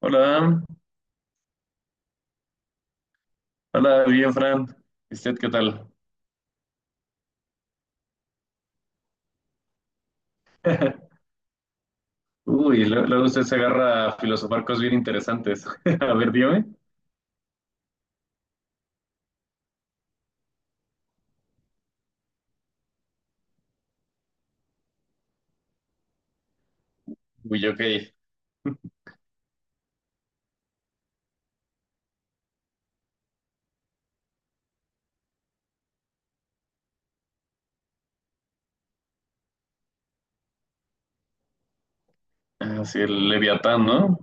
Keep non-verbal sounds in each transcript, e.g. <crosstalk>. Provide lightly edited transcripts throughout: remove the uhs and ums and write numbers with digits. Hola, hola, bien, Fran. ¿Y usted qué tal? <laughs> Uy, luego usted se agarra a filosofar cosas bien interesantes. <laughs> A ver, dime. Uy, ok. Ah, sí, el Leviatán, ¿no?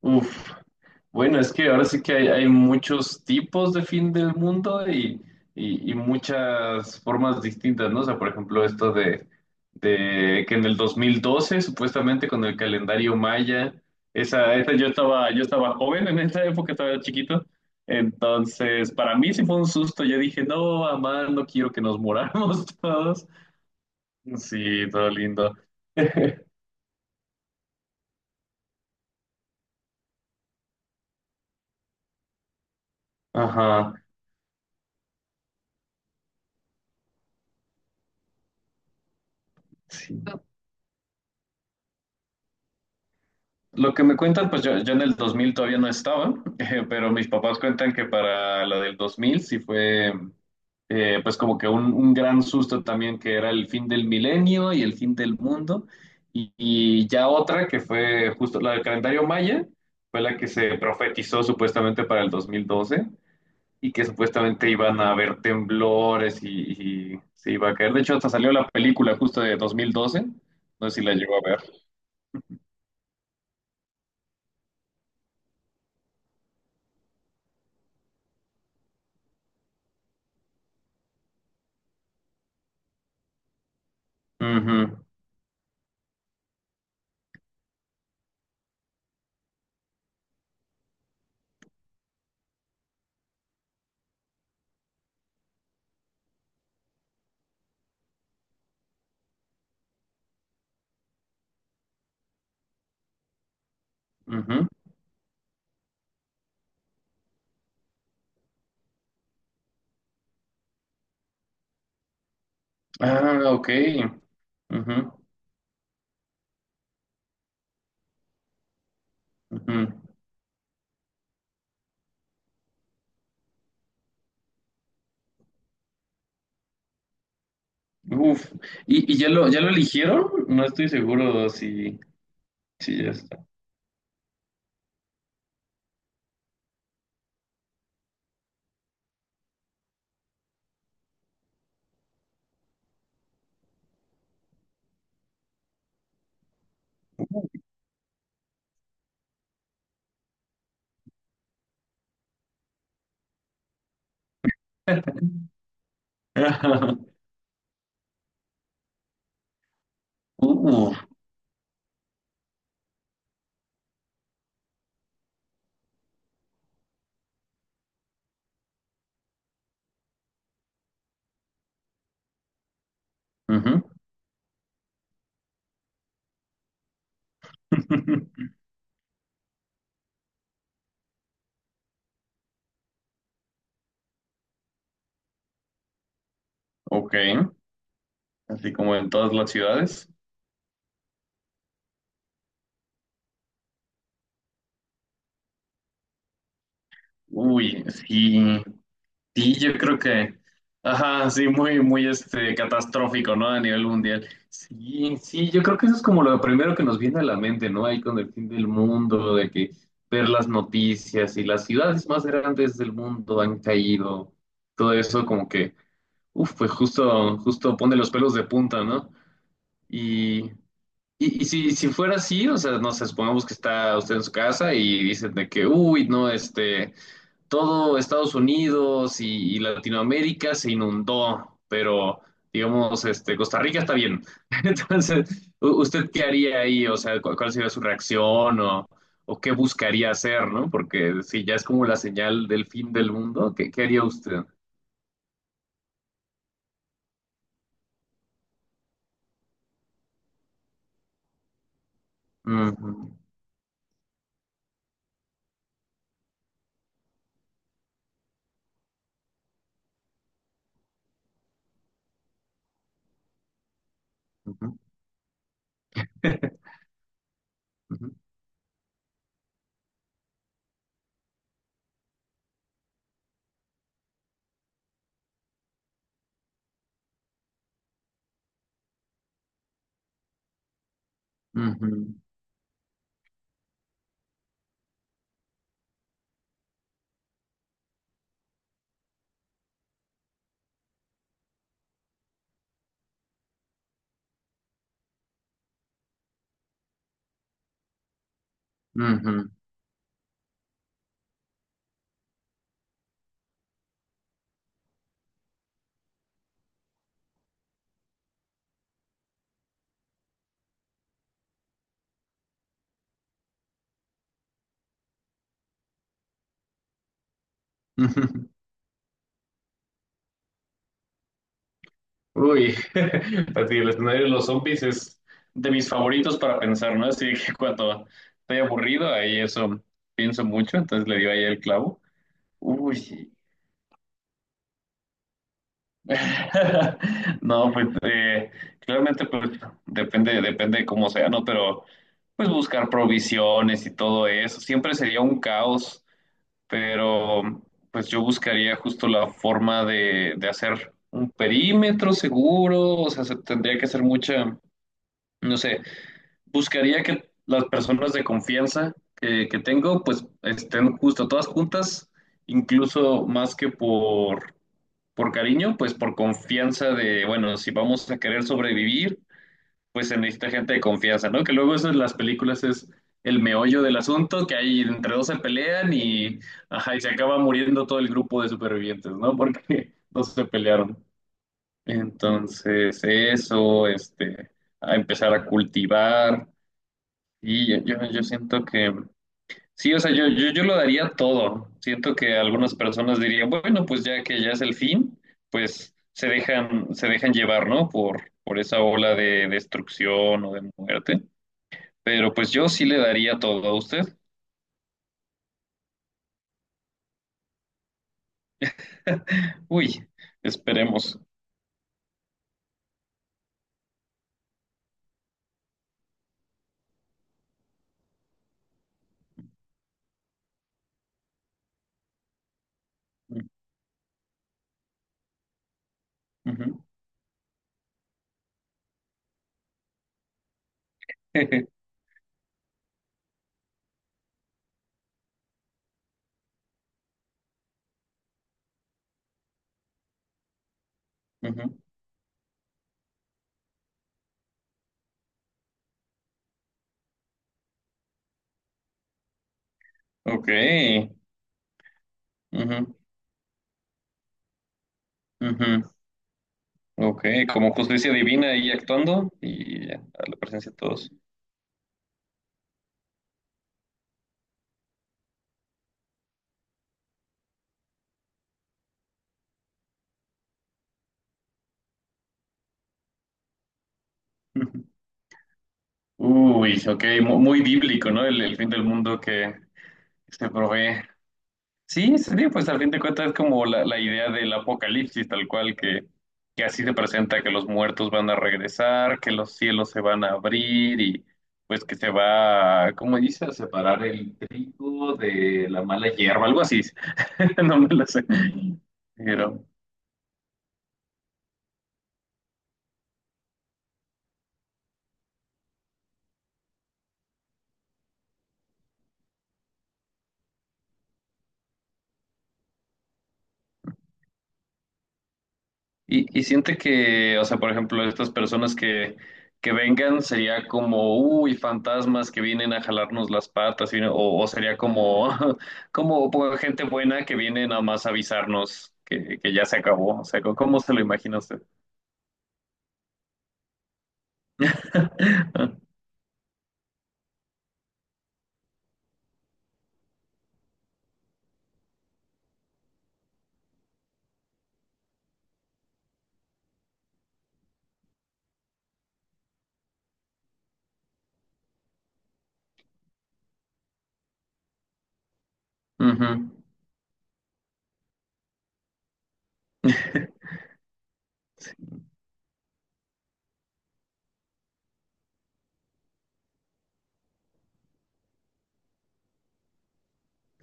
Uf, bueno, es que ahora sí que hay muchos tipos de fin del mundo y, y muchas formas distintas, ¿no? O sea, por ejemplo, esto de que en el 2012 supuestamente con el calendario maya, esa yo estaba joven en esa época, estaba chiquito, entonces para mí sí fue un susto, yo dije, no, mamá, no quiero que nos moramos <laughs> todos. Sí, todo lindo. <laughs> Ajá. Sí. Lo que me cuentan, pues yo en el 2000 todavía no estaba, <laughs> pero mis papás cuentan que para la del 2000 sí fue, pues como que un gran susto también, que era el fin del milenio y el fin del mundo. Y ya otra que fue justo la del calendario maya, fue la que se profetizó supuestamente para el 2012 y que supuestamente iban a haber temblores y se iba a caer. De hecho, hasta salió la película justo de 2012. No sé si la llegó a ver. Ujú, ujú. Ah, ok. Ujú, ujú. Uf. ¿Y ya lo eligieron? No estoy seguro si ya está. <laughs> Uh, ujú. <laughs> Ok. Así como en todas las ciudades. Uy, sí. Sí, yo creo que, ajá, sí, muy, muy este, catastrófico, ¿no? A nivel mundial. Sí, sí, yo creo que eso es como lo primero que nos viene a la mente, ¿no? Ahí con el fin del mundo, de que ver las noticias y las ciudades más grandes del mundo han caído, todo eso como que, uf, pues justo, justo pone los pelos de punta, ¿no? Y, y si fuera así, o sea, no sé, supongamos que está usted en su casa y dicen de que, uy, no, este todo Estados Unidos y Latinoamérica se inundó, pero digamos, este, Costa Rica está bien. <laughs> Entonces, ¿usted qué haría ahí? O sea, ¿cuál sería su reacción o qué buscaría hacer, ¿no? Porque si ya es como la señal del fin del mundo, ¿qué haría usted? Ujú, ujú, <laughs> ujú, ujú, ujú, ujú. Uy, <laughs> así el escenario de los zombies es de mis favoritos para pensar, ¿no? Así que cuando estoy aburrido, ahí eso pienso mucho, entonces le dio ahí el clavo. Uy, <laughs> no, pues claramente pues, depende, depende de cómo sea, ¿no? Pero pues buscar provisiones y todo eso, siempre sería un caos, pero pues yo buscaría justo la forma de hacer un perímetro seguro, o sea, tendría que hacer mucha no sé, buscaría que las personas de confianza que tengo, pues estén justo todas juntas, incluso más que por cariño, pues por confianza de, bueno, si vamos a querer sobrevivir, pues se necesita gente de confianza, ¿no? Que luego eso en las películas es el meollo del asunto, que ahí entre dos se pelean y, ajá, y se acaba muriendo todo el grupo de supervivientes, ¿no? Porque <laughs> no se pelearon. Entonces, eso, este, a empezar a cultivar. Y yo siento que, sí, o sea, yo lo daría todo. Siento que algunas personas dirían, bueno, pues ya que ya es el fin, pues se dejan llevar, ¿no? Por esa ola de destrucción o de muerte. Pero pues yo sí le daría todo a usted. <laughs> Uy, esperemos. Ujú. <laughs> Ujú. Ok. Ujú. Ujú. Ok, como justicia divina ahí actuando y ya, a la presencia de todos. <laughs> Uy, sí, ok, muy bíblico, ¿no? El fin del mundo que se provee. Sí, sí, sí, pues al fin de cuentas es como la idea del apocalipsis, tal cual, que así se presenta, que los muertos van a regresar, que los cielos se van a abrir y pues que se va, ¿cómo dice? A separar el trigo de la mala hierba, algo así. <laughs> No me lo sé. Pero, y siente que, o sea, por ejemplo, estas personas que vengan sería como, uy, fantasmas que vienen a jalarnos las patas, o sería como, <laughs> como pues, gente buena que viene nada más a avisarnos que ya se acabó. O sea, ¿cómo se lo imagina usted? <laughs> Ujú.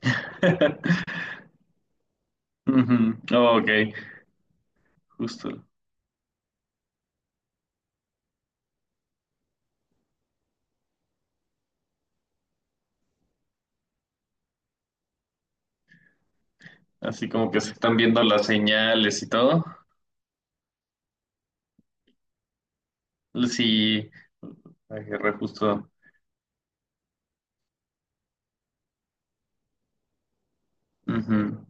<laughs> Ujú. Ok, justo. Así como que se están viendo las señales y todo. Sí, agarré justo. Ujú.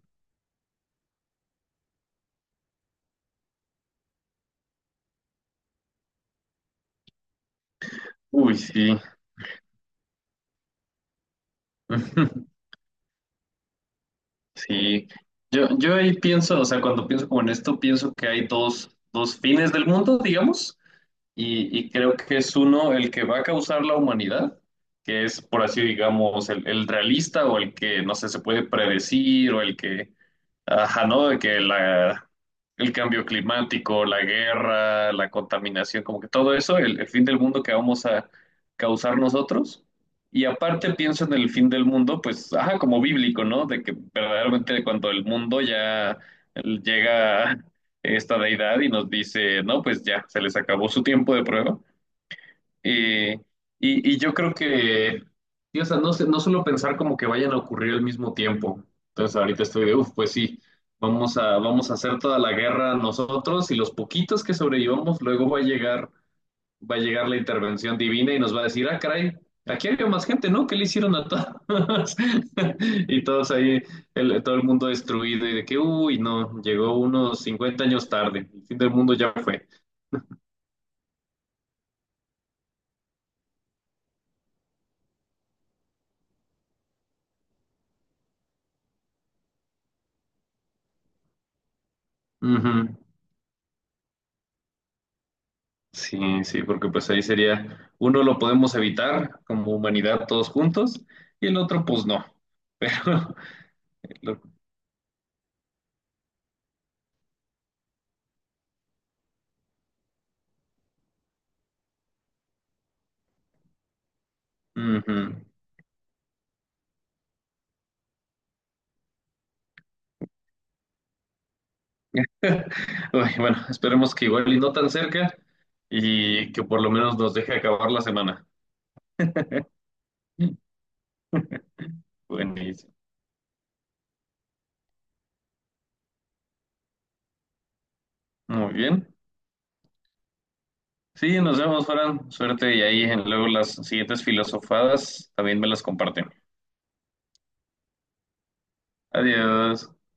Uy, sí. <laughs> Sí, yo ahí pienso, o sea, cuando pienso como en esto, pienso que hay dos fines del mundo, digamos, y creo que es uno el que va a causar la humanidad, que es, por así digamos, el realista o el que, no sé, se puede predecir o el que ajá, ¿no? De que la, el cambio climático, la guerra, la contaminación, como que todo eso, el fin del mundo que vamos a causar nosotros. Y aparte pienso en el fin del mundo, pues, ajá, como bíblico, ¿no? De que verdaderamente cuando el mundo ya llega esta deidad y nos dice, no, pues ya, se les acabó su tiempo de prueba. Eh, y yo creo que, sí, o sea, no sé, no suelo pensar como que vayan a ocurrir al mismo tiempo. Entonces ahorita estoy de, uff, pues sí, vamos a hacer toda la guerra nosotros y los poquitos que sobrevivamos, luego va a llegar la intervención divina y nos va a decir, ah, caray, aquí había más gente, ¿no? ¿Qué le hicieron a todos? <laughs> Y todos ahí, todo el mundo destruido y de que, uy, no, llegó unos 50 años tarde, el fin del mundo ya fue. Ujú. Sí, sí, porque pues ahí sería, uno lo podemos evitar como humanidad todos juntos y el otro pues no. Pero, <laughs> lo- ujú. <laughs> Ay, bueno, esperemos que igual y no tan cerca y que por lo menos nos deje acabar la semana. <laughs> Buenísimo. Muy bien. Sí, nos vemos, Fran. Suerte y ahí en luego las siguientes filosofadas también me las comparten. Adiós.